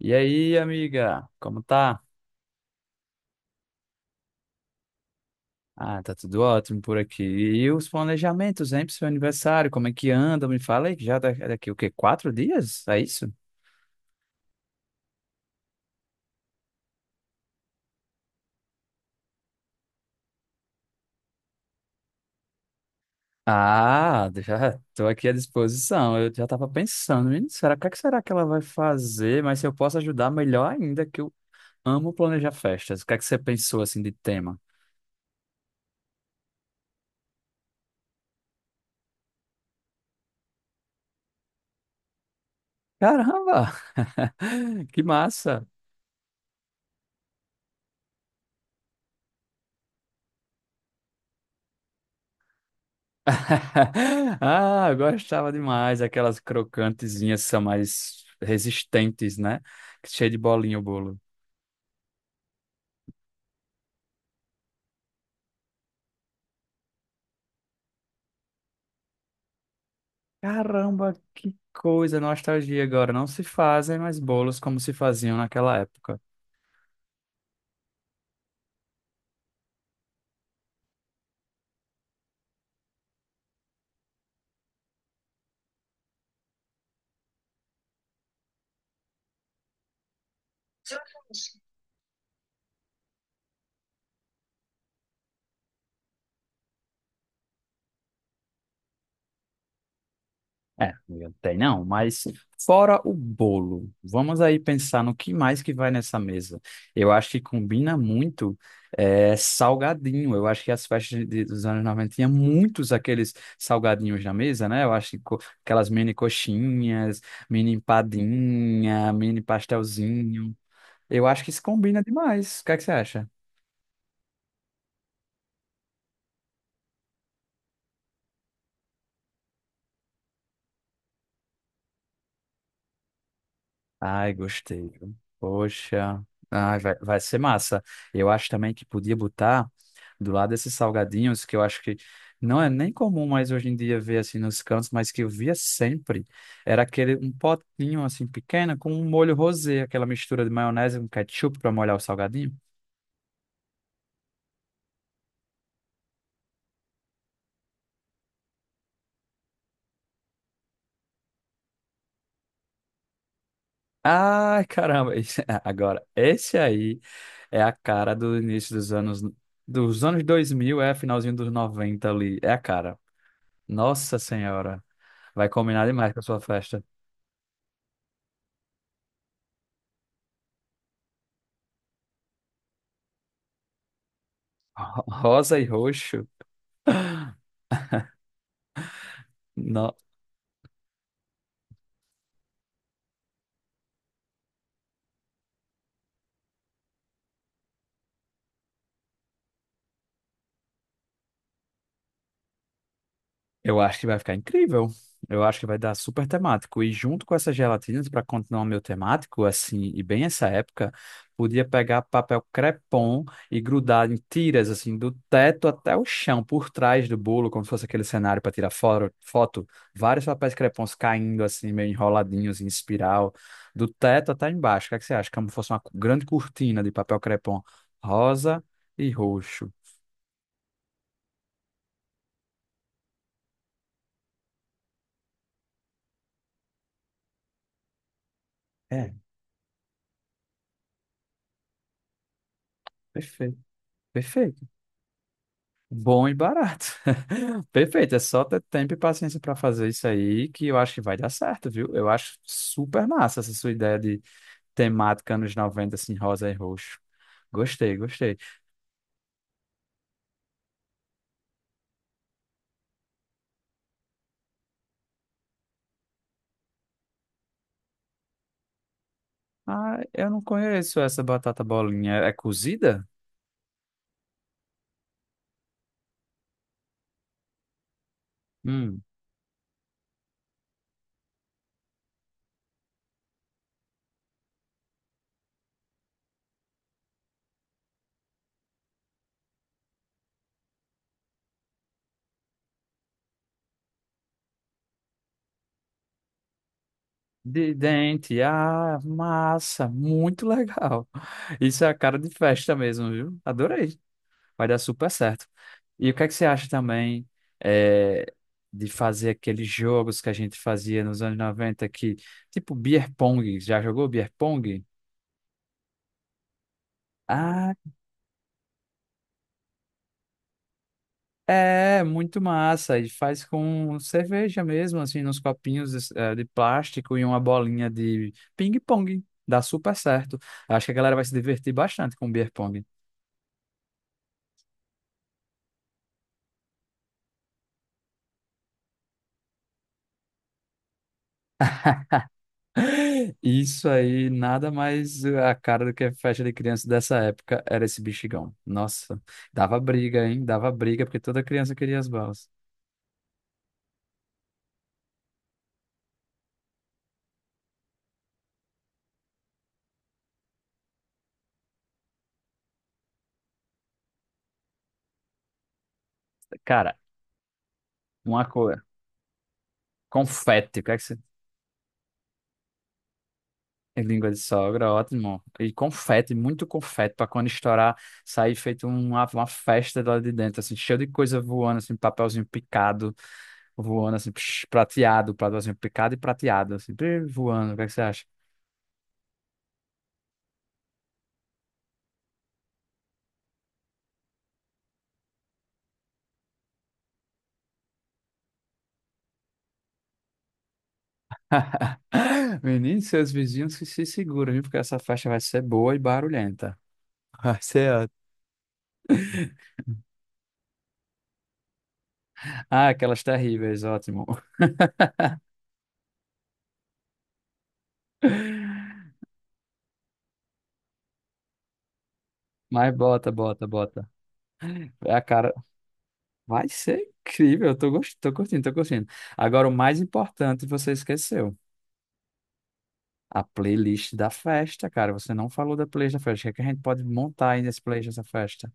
E aí, amiga, como tá? Ah, tá tudo ótimo por aqui. E os planejamentos, hein, pro seu aniversário? Como é que anda? Me fala aí, que já daqui o quê? Quatro dias? É isso? Ah, já tô aqui à disposição. Eu já tava pensando, menino, será, o que é que será que ela vai fazer? Mas se eu posso ajudar, melhor ainda, que eu amo planejar festas. O que é que você pensou, assim, de tema? Caramba! Que massa! Ah, eu gostava demais. Aquelas crocantezinhas são mais resistentes, né? Cheio de bolinha o bolo. Caramba, que coisa, nostalgia agora. Não se fazem mais bolos como se faziam naquela época. É, amiga, tem não, mas fora o bolo, vamos aí pensar no que mais que vai nessa mesa. Eu acho que combina muito é, salgadinho. Eu acho que as festas dos anos 90 tinha muitos aqueles salgadinhos na mesa, né? Eu acho que aquelas mini coxinhas, mini empadinha, mini pastelzinho. Eu acho que isso combina demais. O que é que você acha? Ai, gostei, viu? Poxa. Ai, vai ser massa. Eu acho também que podia botar do lado desses salgadinhos, que eu acho que não é nem comum mais hoje em dia ver assim nos cantos, mas que eu via sempre. Era aquele um potinho assim pequeno com um molho rosé, aquela mistura de maionese com ketchup para molhar o salgadinho. Ai, caramba. Agora, esse aí é a cara do início dos anos. Dos anos 2000, é finalzinho dos 90 ali. É a cara. Nossa Senhora, vai combinar demais com a sua festa. Rosa e roxo. No- Eu acho que vai ficar incrível. Eu acho que vai dar super temático. E junto com essas gelatinas, para continuar o meu temático, assim, e bem essa época, podia pegar papel crepom e grudar em tiras, assim, do teto até o chão, por trás do bolo, como se fosse aquele cenário para tirar foto. Vários papéis crepons caindo, assim, meio enroladinhos em espiral, do teto até embaixo. O que é que você acha? Como se fosse uma grande cortina de papel crepom rosa e roxo. É, perfeito. Perfeito. Bom e barato. Perfeito, é só ter tempo e paciência para fazer isso aí que eu acho que vai dar certo, viu? Eu acho super massa essa sua ideia de temática anos 90 assim, rosa e roxo. Gostei, gostei. Ah, eu não conheço essa batata bolinha. É cozida? Hum, de dente. Ah, massa, muito legal. Isso é a cara de festa mesmo, viu? Adorei. Vai dar super certo. E o que é que você acha também é, de fazer aqueles jogos que a gente fazia nos anos 90 que, tipo beer pong, já jogou beer pong? Ah, é, muito massa. E faz com cerveja mesmo, assim, nos copinhos de plástico e uma bolinha de ping-pong. Dá super certo. Acho que a galera vai se divertir bastante com beer pong. Isso aí, nada mais a cara do que a festa de criança dessa época era esse bexigão. Nossa, dava briga, hein? Dava briga, porque toda criança queria as balas. Cara, uma coisa, confete, o que é que você... É língua de sogra, ótimo. E confete, muito confete, pra quando estourar, sair feito uma festa lá de dentro, assim, cheio de coisa voando, assim, papelzinho picado, voando, assim, psh, prateado, papelzinho picado e prateado, assim, psh, voando. O que é que você acha? Menino, seus vizinhos que se seguram, viu? Porque essa festa vai ser boa e barulhenta. Vai ser ótimo. Ah, aquelas terríveis, ótimo. Mas bota. É a cara. Vai ser incrível. Eu tô, gost... tô curtindo, tô curtindo. Agora, o mais importante você esqueceu. A playlist da festa, cara. Você não falou da playlist da festa. O que é que a gente pode montar aí nesse playlist dessa festa?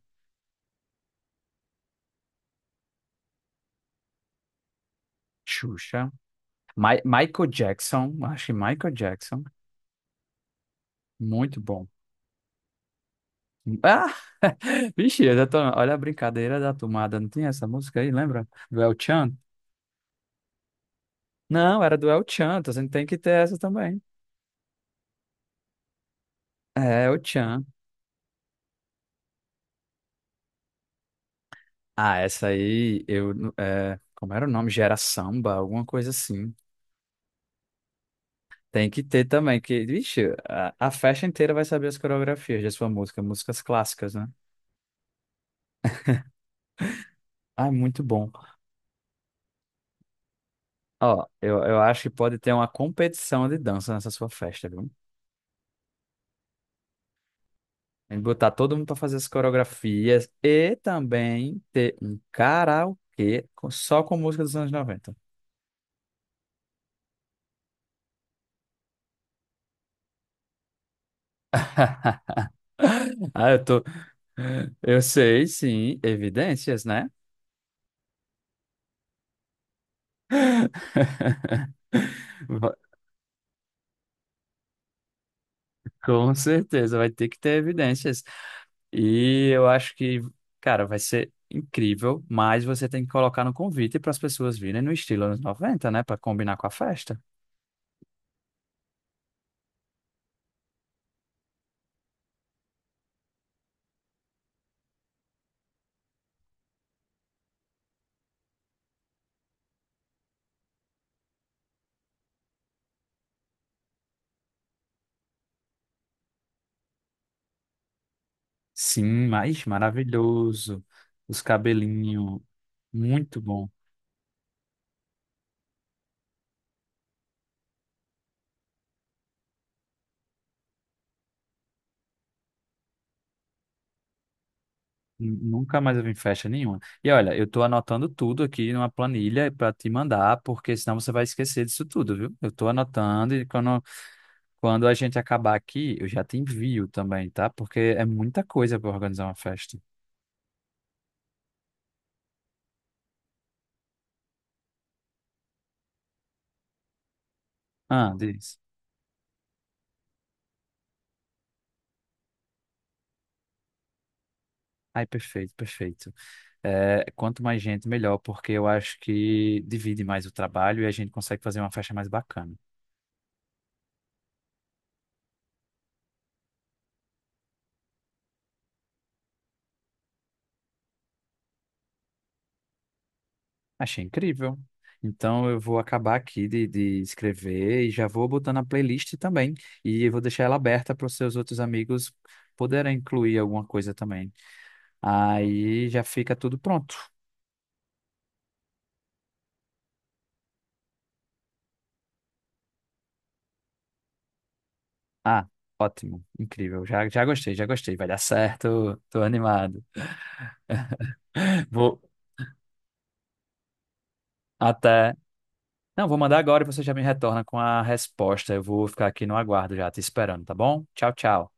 Xuxa. Michael Jackson. Acho que Michael Jackson. Muito bom. Ah! Vixe, eu já tô... olha a brincadeira da tomada. Não tinha essa música aí, lembra? Do El Chan? Não, era do El Chan, então você tem que ter essa também. É, El Chan. Ah, essa aí, eu. É... Como era o nome? Gera samba, alguma coisa assim. Tem que ter também, que, vixe, a festa inteira vai saber as coreografias de sua música, músicas clássicas, né? Ah, é muito bom. Ó, eu acho que pode ter uma competição de dança nessa sua festa, viu? Tem que botar todo mundo para fazer as coreografias e também ter um karaokê só com música dos anos 90. Ah, eu tô. Eu sei, sim, evidências, né? Va- Com certeza, vai ter que ter evidências. E eu acho que, cara, vai ser incrível, mas você tem que colocar no convite para as pessoas virem no estilo anos 90, né? Para combinar com a festa. Sim, mas maravilhoso. Os cabelinhos, muito bom. Nunca mais eu vim em festa nenhuma. E olha, eu tô anotando tudo aqui numa planilha para te mandar, porque senão você vai esquecer disso tudo, viu? Eu tô anotando e quando a gente acabar aqui, eu já te envio também, tá? Porque é muita coisa para organizar uma festa. Ah, diz. Ai, perfeito, perfeito. É, quanto mais gente, melhor, porque eu acho que divide mais o trabalho e a gente consegue fazer uma festa mais bacana. Achei incrível. Então eu vou acabar aqui de escrever e já vou botando a playlist também. E eu vou deixar ela aberta para os seus outros amigos poderem incluir alguma coisa também. Aí já fica tudo pronto. Ah, ótimo, incrível. Já, já gostei, já gostei. Vai dar certo. Tô animado. Vou até. Não, vou mandar agora e você já me retorna com a resposta. Eu vou ficar aqui no aguardo já, te esperando, tá bom? Tchau, tchau.